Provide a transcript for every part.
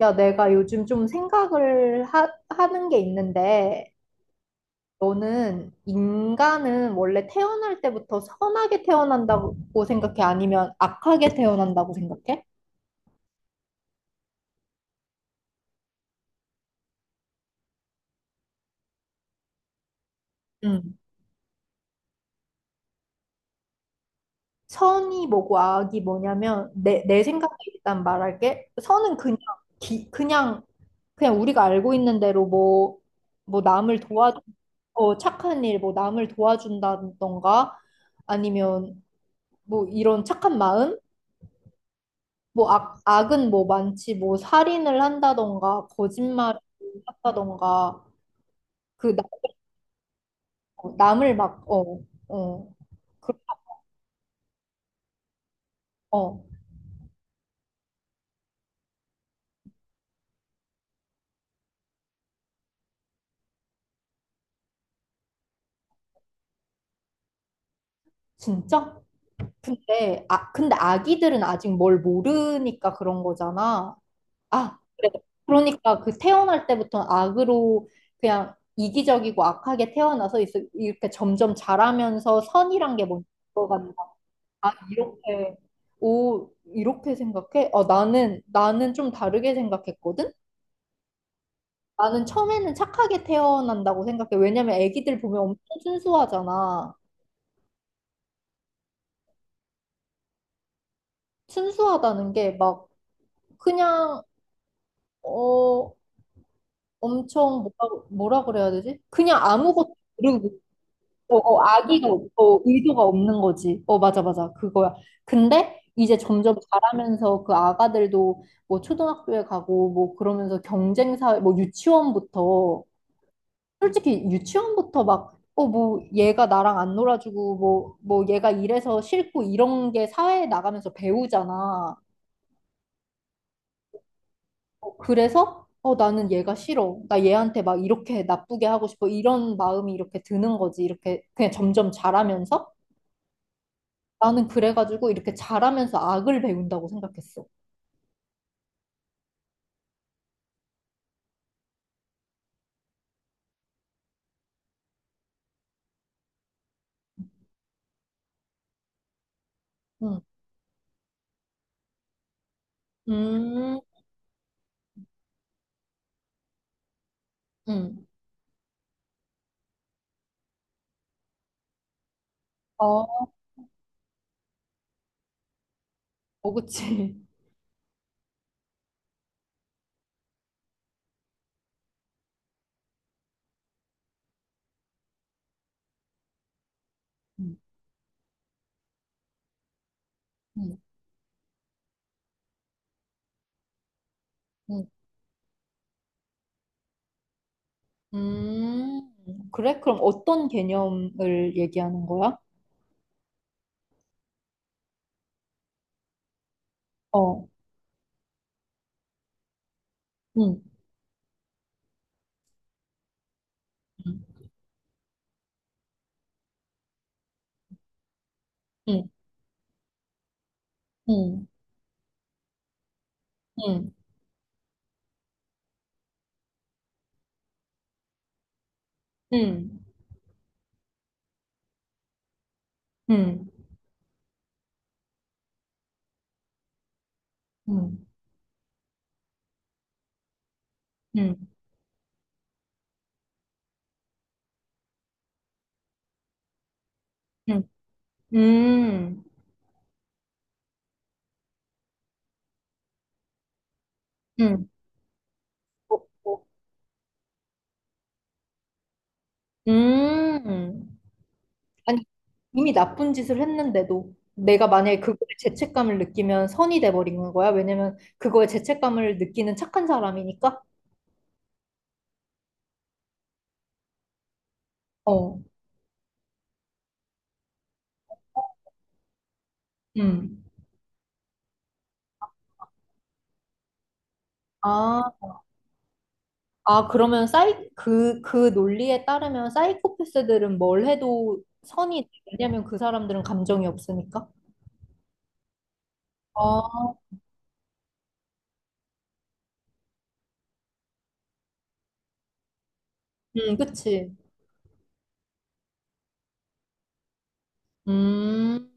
야, 내가 요즘 좀 생각을 하는 게 있는데, 너는 인간은 원래 태어날 때부터 선하게 태어난다고 생각해? 아니면 악하게 태어난다고 생각해? 음, 선이 뭐고 악이 뭐냐면, 내 생각에 일단 말할게. 선은 그냥, 기- 그냥, 그냥 우리가 알고 있는 대로 뭐 남을 도와주... 착한 일, 뭐 남을 도와준다던가, 아니면 뭐 이런 착한 마음? 뭐 악은 뭐 많지, 뭐 살인을 한다던가, 거짓말을 한다던가, 그 나, 남을 막, 어, 그, 어, 진짜? 근데 아기들은 아직 뭘 모르니까 그런 거잖아. 아, 그래. 그러니까 그 태어날 때부터 악으로 그냥 이기적이고 악하게 태어나서 이렇게 점점 자라면서 선이란 게 뭔지. 아, 이렇게 생각해? 나는 좀 다르게 생각했거든? 나는 처음에는 착하게 태어난다고 생각해. 왜냐면 애기들 보면 엄청 순수하잖아. 순수하다는 게 막, 그냥, 어, 엄청, 뭐라 그래야 되지? 그냥 아무것도 모르고 아기가 없고 의도가 없는 거지. 맞아, 맞아. 그거야. 근데 이제 점점 자라면서 그 아가들도 뭐 초등학교에 가고 뭐 그러면서 경쟁사회, 뭐 유치원부터, 솔직히 유치원부터 막, 뭐 얘가 나랑 안 놀아주고 뭐, 얘가 이래서 싫고 이런 게 사회에 나가면서 배우잖아. 그래서 나는 얘가 싫어. 나 얘한테 막 이렇게 나쁘게 하고 싶어. 이런 마음이 이렇게 드는 거지. 이렇게 그냥 점점 자라면서. 나는 그래가지고 이렇게 잘하면서 악을 배운다고 생각했어. 응. 음, 응. 어, 어, 그치. 응, 응, 응. 그래? 그럼 어떤 개념을 얘기하는 거야? 어, 응, 응, 응, 응, 응, 응, 응, 응, 응, 응, 응, 응. 어, 어. 음. 아니, 이미 나쁜 짓을 했는데도 내가 만약에 그거에 죄책감을 느끼면 선이 돼버리는 거야. 왜냐면 그거에 죄책감을 느끼는 착한 사람이니까. 어, 음. 아, 아 그러면 그 논리에 따르면 사이코패스들은 뭘 해도 선이 돼. 왜냐면 그 사람들은 감정이 없으니까. 아, 그치. 음.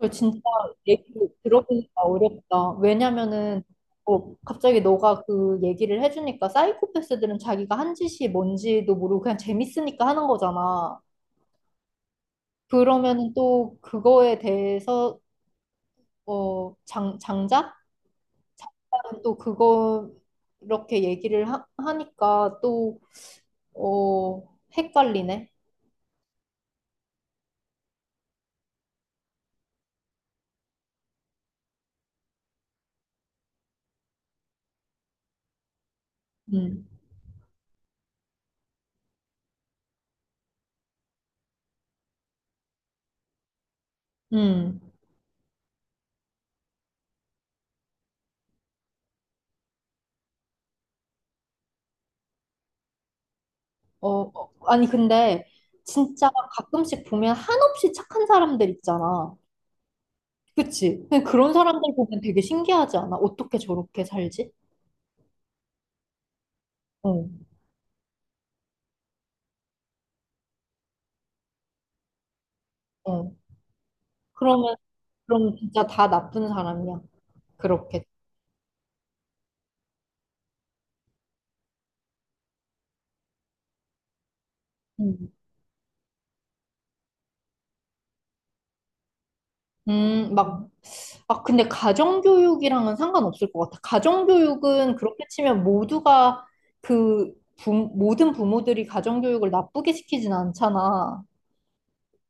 그 진짜 얘기 들어보니까 어렵다. 왜냐면은 갑자기 너가 그 얘기를 해주니까 사이코패스들은 자기가 한 짓이 뭔지도 모르고 그냥 재밌으니까 하는 거잖아. 그러면은 또 그거에 대해서 장작? 장작은 또 그거 이렇게 얘기를 하니까 또 어, 헷갈리네. 음, 음. 어, 어, 아니 근데 진짜 가끔씩 보면 한없이 착한 사람들 있잖아. 그치? 근데 그런 사람들 보면 되게 신기하지 않아? 어떻게 저렇게 살지? 어, 어. 그러면, 그럼 진짜 다 나쁜 사람이야. 그렇게. 음, 막, 근데 가정교육이랑은 상관없을 것 같아. 가정교육은 그렇게 치면 모두가 그, 모든 부모들이 가정교육을 나쁘게 시키진 않잖아.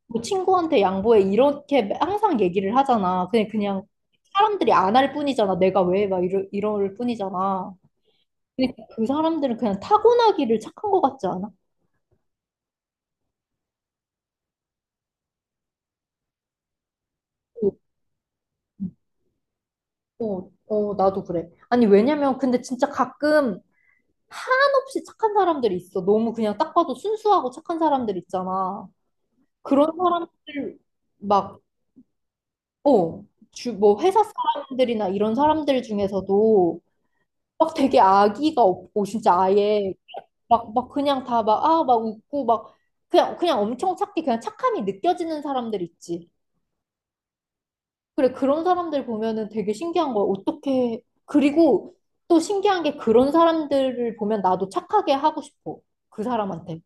뭐 친구한테 양보해. 이렇게 항상 얘기를 하잖아. 그냥 사람들이 안 할 뿐이잖아. 내가 왜? 막 이럴 뿐이잖아. 그데그 사람들은 그냥 타고나기를 착한 것 같지 않아? 어, 어, 나도 그래. 아니, 왜냐면, 근데 진짜 가끔 한없이 착한 사람들이 있어. 너무 그냥 딱 봐도 순수하고 착한 사람들 있잖아. 그런 사람들, 막, 어, 뭐, 회사 사람들이나 이런 사람들 중에서도 막 되게 악의가 없고, 진짜 아예 막 그냥 다 막, 막 웃고, 막, 그냥 엄청 착해. 그냥 착함이 느껴지는 사람들 있지. 그래, 그런 사람들 보면은 되게 신기한 거야. 어떻게, 그리고 또 신기한 게 그런 사람들을 보면 나도 착하게 하고 싶어. 그 사람한테.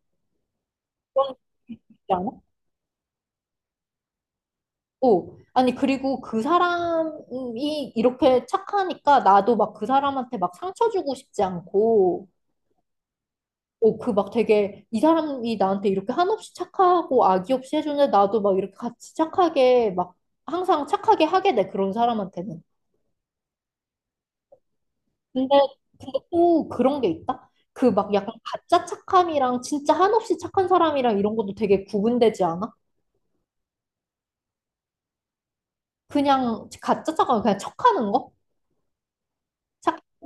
그런 게 있지 않아? 어. 아니, 그리고 그 사람이 이렇게 착하니까 나도 막 그 사람한테 막 상처 주고 싶지 않고, 그 막 되게 이 사람이 나한테 이렇게 한없이 착하고 악의 없이 해주는데 나도 막 이렇게 같이 착하게 막 항상 착하게 하게 돼, 그런 사람한테는. 근데, 근데 또 그런 게 있다? 그 막 약간 가짜 착함이랑 진짜 한없이 착한 사람이랑 이런 것도 되게 구분되지 않아? 그냥 가짜 착함, 그냥 척하는 거? 착하고,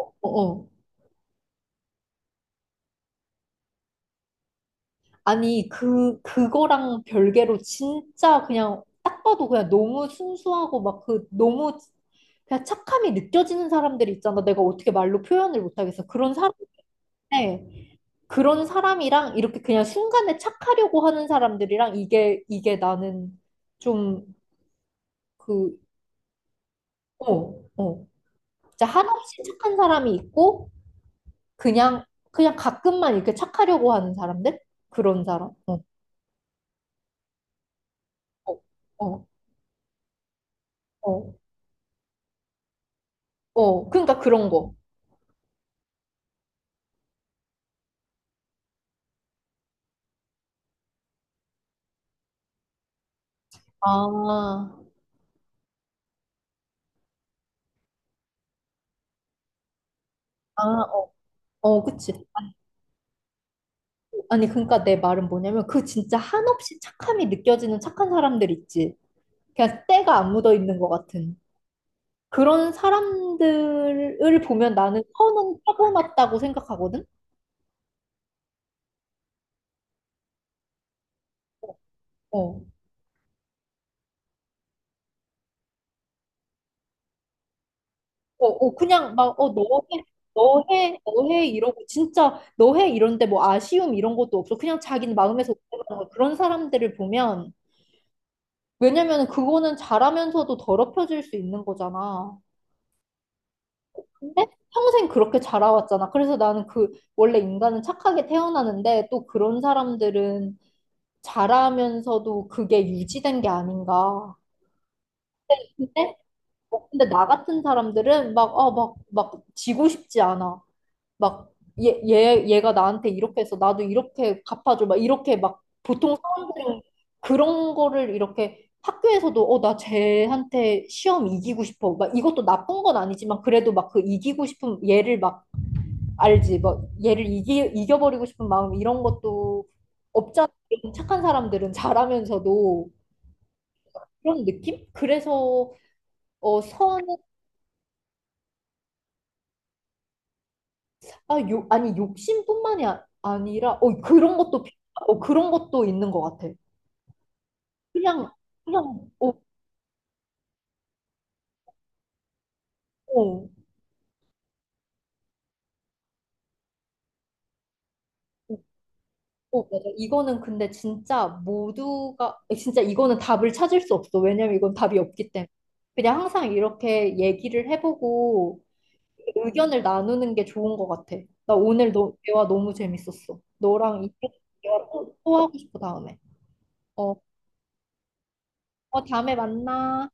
어, 어. 어. 아니, 그거랑 별개로 진짜 그냥 딱 봐도 그냥 너무 순수하고 막 그 너무 그냥 착함이 느껴지는 사람들이 있잖아. 내가 어떻게 말로 표현을 못하겠어. 그런 사람인데, 그런 사람이랑 이렇게 그냥 순간에 착하려고 하는 사람들이랑 이게, 이게 나는 좀 그, 어, 어. 진짜 한없이 착한 사람이 있고, 그냥, 그냥 가끔만 이렇게 착하려고 하는 사람들? 그런 사람. 어, 어, 어, 어. 어. 그러니까 그런 거. 아, 아, 어, 어, 그치. 아니, 아니, 그러니까 내 말은 뭐냐면, 그 진짜 한없이 착함이 느껴지는 착한 사람들 있지. 그냥 때가 안 묻어 있는 것 같은. 그런 사람들을 보면 나는 선은 타고났다고 생각하거든? 어. 어, 어, 그냥 막, 너 해, 너 해, 너 해, 이러고, 진짜, 너 해, 이런데 뭐 아쉬움 이런 것도 없어. 그냥 자기는 마음에서 는 거야. 그런 사람들을 보면, 왜냐면 그거는 잘하면서도 더럽혀질 수 있는 거잖아. 근데 평생 그렇게 자라왔잖아. 그래서 나는 그, 원래 인간은 착하게 태어나는데, 또 그런 사람들은 잘하면서도 그게 유지된 게 아닌가. 근데, 근데 나 같은 사람들은 막, 막, 지고 싶지 않아. 막 얘가 나한테 이렇게 해서 나도 이렇게 갚아줘. 막 이렇게 막 보통 사람들은 그런 거를 이렇게 학교에서도 나 쟤한테 시험 이기고 싶어. 막 이것도 나쁜 건 아니지만 그래도 막 그 이기고 싶은 얘를 막 알지. 막 얘를 이겨버리고 싶은 마음 이런 것도 없잖아. 이런 착한 사람들은 잘하면서도 그런 느낌? 그래서 선은... 아니 욕심뿐만이 아니라 그런 것도 필-. 어, 그런 것도 있는 것 같아. 그냥, 그냥, 어, 어, 어, 어, 맞아. 이거는 근데 진짜 모두가, 진짜 이거는 답을 찾을 수 없어. 왜냐면 이건 답이 없기 때문에. 그냥 항상 이렇게 얘기를 해보고 의견을 나누는 게 좋은 것 같아. 나 오늘 대화 너무 재밌었어. 너랑 이 대화 또 하고 싶어, 다음에. 어, 어, 다음에 만나.